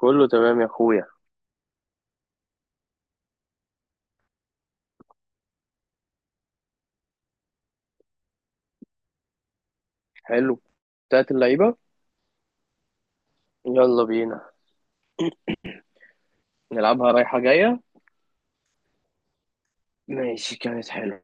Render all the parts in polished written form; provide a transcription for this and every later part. كله تمام يا اخويا. حلو. بتاعت اللعيبة. يلا بينا. نلعبها رايحة جاية. ماشي، كانت حلوة.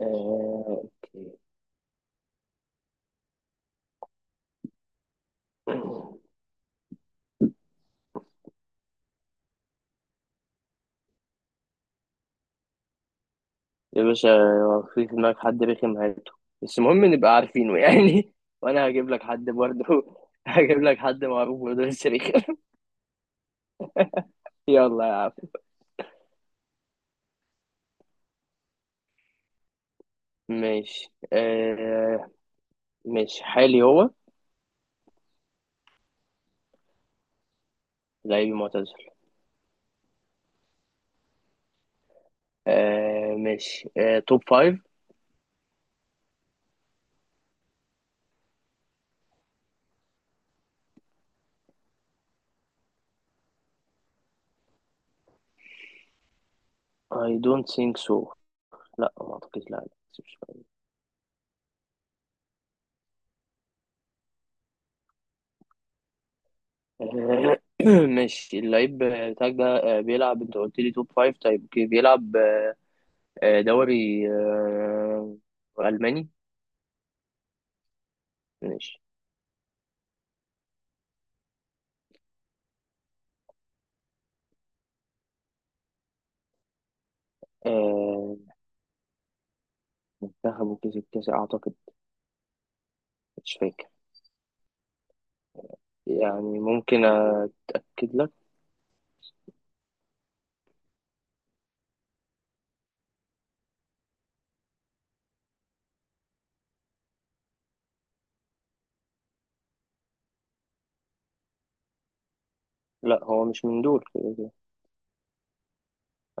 آه، أوكي. يا باشا، في دماغك حد رخم، هاته. بس المهم نبقى عارفينه يعني. وانا هجيب لك حد برضه. هجيب لك حد معروف برضه بس رخم. يلا يا عم. ماشي. آه، ماشي. حالي هو. لعيبي معتزل. آه، ماشي. آه، توب فايف. I don't think so. لا، ما اعتقدش، لا. لا. آه، ماشي، اللعيب بتاعك ده بيلعب. انت قلت لي توب فايف، طيب اوكي بيلعب دوري ألماني. ماشي. آه، منتخبه كسب كاس أعتقد. مش فاكر. يعني ممكن أتأكد لك. لا، هو مش من دول.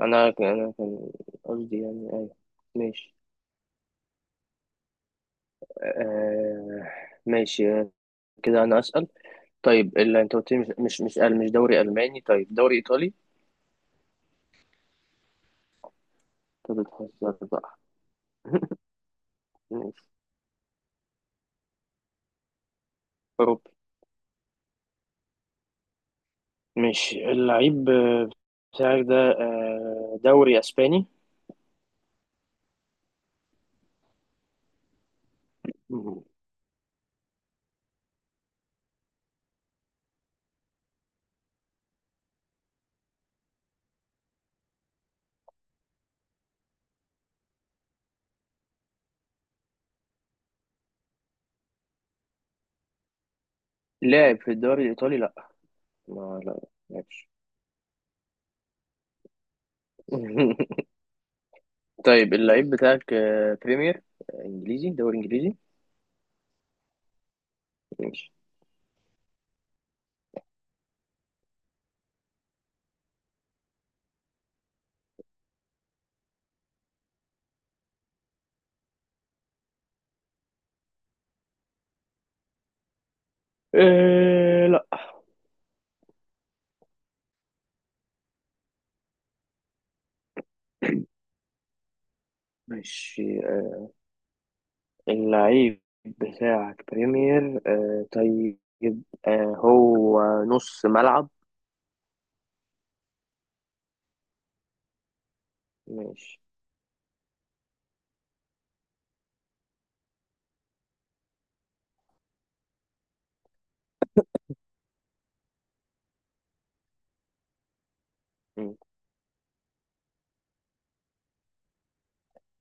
أنا كان قصدي، يعني أيوه. ماشي. آه، ماشي. كده أنا أسأل. طيب، اللي أنت قلت لي مش دوري ألماني. طيب، دوري إيطالي؟ طب بتهزر بقى. ماشي. أوروبي. ماشي، اللعيب بتاعك ده دوري اسباني؟ مم. لاعب في الدوري الايطالي؟ لا، ما لا لعبش. طيب، اللعيب بتاعك بريمير انجليزي. دوري انجليزي. ماشي. أه، لا. ماشي، اللعيب بتاعك بريمير أه. طيب، أه هو نص ملعب. ماشي. مم.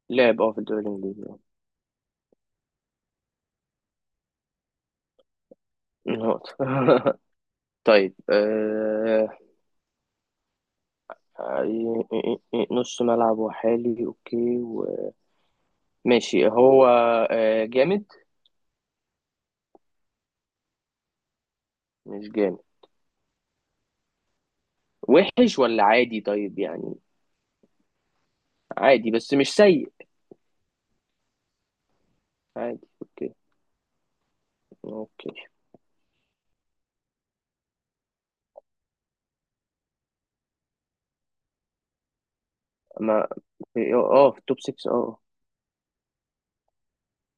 لعب اه في الدوري الانجليزي آه. نقطة. طيب، أه نص ملعب وحالي اوكي و ماشي، هو جامد؟ مش جامد؟ وحش ولا عادي طيب يعني؟ عادي بس مش سيء. عادي. اوكي. اوكي. ما اه في التوب 6 اه.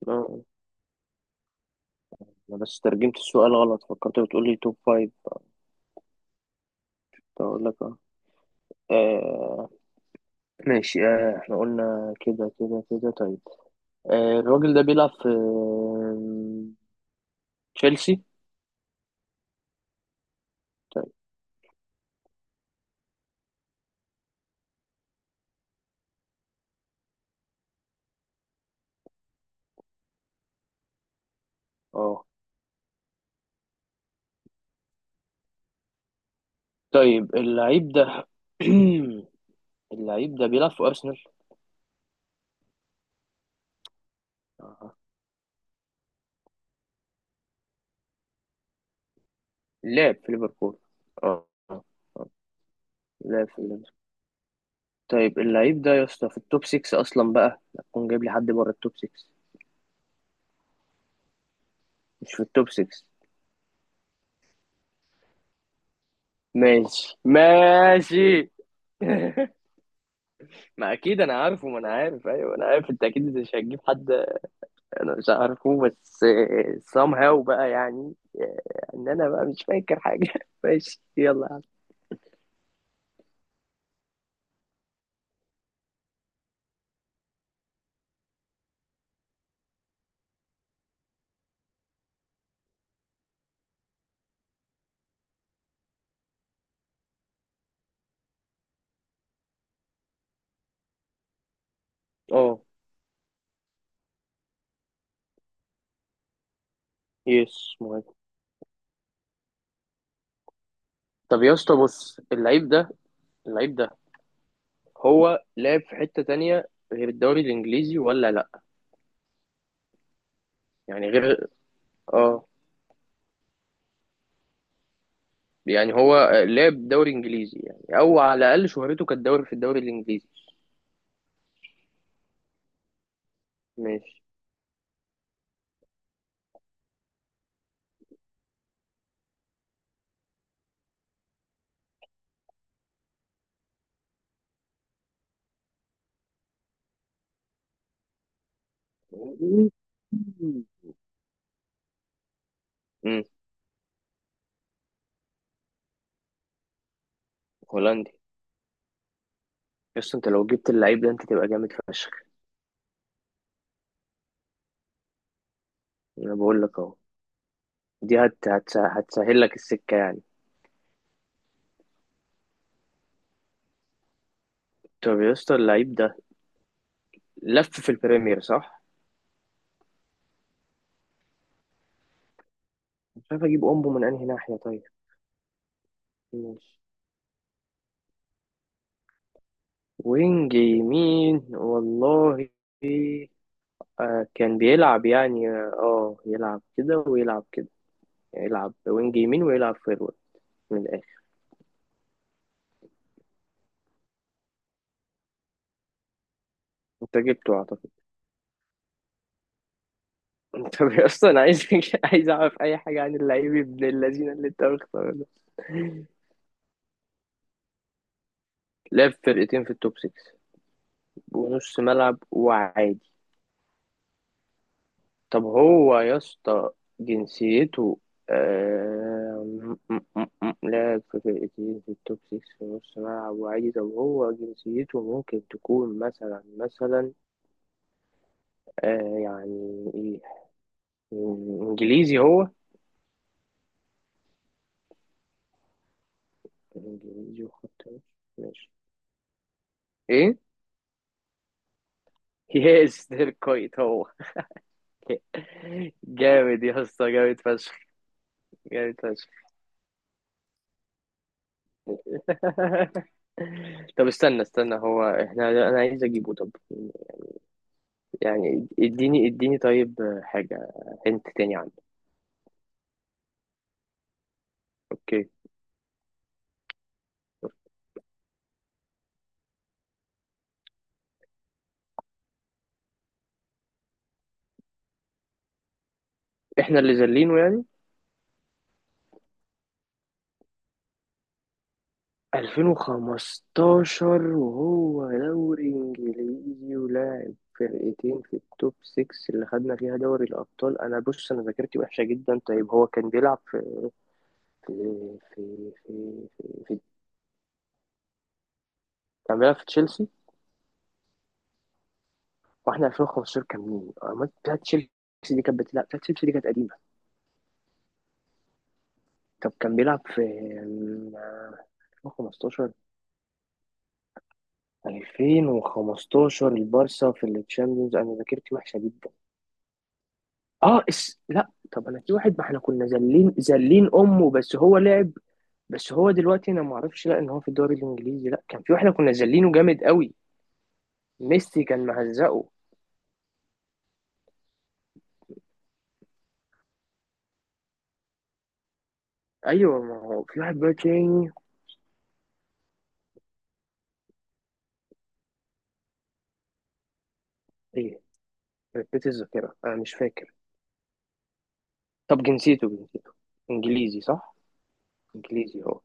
اه. أنا بس ترجمت السؤال غلط، فكرت بتقول لي توب 5. اقول لك اه. آه، ماشي. آه، احنا قلنا كده كده كده. طيب. آه، الراجل ده بيلعب في تشيلسي؟ طيب، اه. طيب، اللعيب ده اللعيب ده بيلعب في أرسنال؟ أها. لعب في ليفربول، اه آه. لعب في ليفربول. طيب، اللعيب ده يا اسطى في التوب 6 أصلا، بقى هتكون جايب لي حد بره التوب 6؟ مش في التوب 6؟ ماشي. ماشي. ما اكيد انا عارفه، ما انا عارف، ايوه انا عارف انت اكيد مش هتجيب حد. انا مش عارفه بس somehow بقى يعني. آه، انا بقى مش فاكر حاجه. ماشي، يلا يا عم. اه. يس مهم. طب يا اسطى، بص، اللعيب ده هو لعب في حتة تانية غير الدوري الانجليزي ولا لا؟ يعني غير، اه. يعني هو لعب دوري انجليزي يعني، او على الاقل شهرته كانت في الدوري الانجليزي. ماشي. امم هولندي؟ بس انت لو جبت اللعيب ده، انت تبقى جامد فشخ. انا بقول لك اهو. دي هتسهل لك السكة يعني. طب يا اسطى، اللعيب ده لف في البريمير صح؟ مش عارف اجيب امبو من انهي ناحية. طيب، ماشي، وينج يمين والله. آه، كان بيلعب يعني اه، يلعب كده ويلعب كده. يعني يلعب وينج يمين ويلعب فيرويد من الاخر. انت جبته اعتقد. انت اصلا عايز عايز اعرف اي حاجه عن اللعيب ابن اللذين اللي انت مختاره ده. لعب فرقتين في التوب 6 ونص ملعب وعادي. طب هو يا اسطى جنسيته، لاعب في فرقتين في التوب 6 في نص ملعب وعادي. طب هو جنسيته ممكن تكون مثلا مثلا؟ آه يعني ايه، انجليزي هو؟ انجليزي وخط وش. ماشي. ايه؟ يس، ده الكويت هو. جامد يا اسطى، جامد فشخ. جامد فشخ. طب، استنى استنى، هو احنا، انا عايز اجيبه. طب يعني اديني اديني طيب حاجة. انت تاني عنه. اوكي. احنا اللي زلينه يعني. 2015، وهو دوري انجليزي ولاعب فرقتين في التوب 6 اللي خدنا فيها دوري الابطال. انا بص انا ذاكرتي وحشه جدا. طيب هو كان بيلعب في في في في, في كان بيلعب في تشيلسي. واحنا 2015 كان مين؟ أمال بتاعت تشيلسي دي كانت بتلعب، بتاعت تشيلسي دي كانت قديمه. طب كان بيلعب في 2015، 2015 البارسا في التشامبيونز. انا ذاكرتي وحشه جدا. اه، اس... لا. طب انا، في واحد ما احنا كنا زلين زلين امه بس هو لعب. بس هو دلوقتي، انا ما اعرفش لا ان هو في الدوري الانجليزي، لا. كان في واحد كنا زلينه جامد قوي، ميسي كان مهزقه. ايوه، ما هو في واحد بقى تاني. ايه. ركبت الذاكره، انا مش فاكر. طب جنسيته، انجليزي صح؟ انجليزي هو؟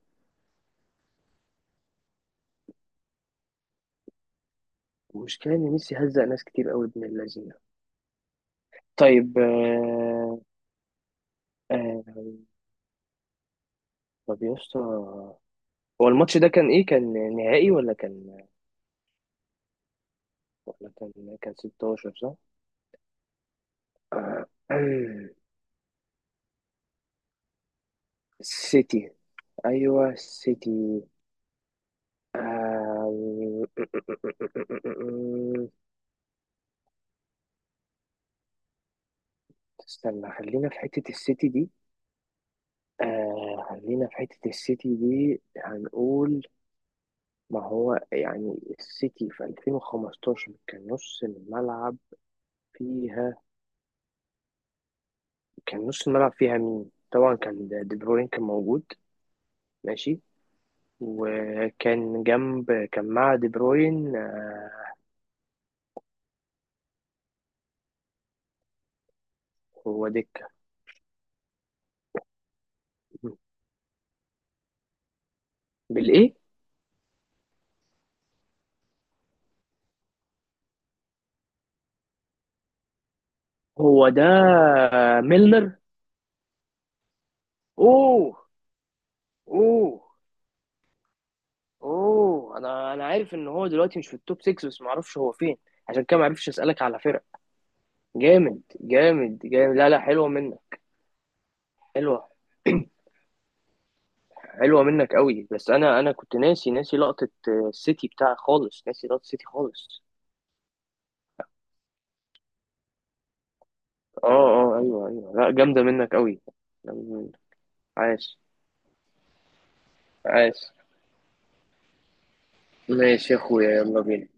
المشكله ان ميسي هزق ناس كتير قوي، ابن اللذينه. طيب، آه... طب يا اسطى، هو الماتش ده كان ايه، كان نهائي ولا كان، كان 16 صح؟ آه، سيتي. ايوه، سيتي. آه، استنى، خلينا في حتة السيتي دي. آه، خلينا في حتة السيتي دي، هنقول. ما هو يعني السيتي في 2015 كان نص الملعب فيها، كان نص الملعب فيها مين؟ طبعا كان دي بروين كان موجود. ماشي. وكان جنب، كان مع دي بروين هو دكة. بالإيه؟ هو ده ميلنر. اوه. اوه. اوه انا عارف ان هو دلوقتي مش في التوب 6 بس ما اعرفش هو فين، عشان كده ما عرفش اسالك على فرق. جامد جامد جامد، لا لا، حلوه منك. حلوه. حلوه منك قوي. بس انا كنت ناسي ناسي لقطه السيتي بتاع خالص، ناسي لقطه السيتي خالص. اه، اه، ايوه، ايوه، لا، جامده منك قوي. جامدة منك. عاش. عاش. ماشي يا اخويا. يلا بينا.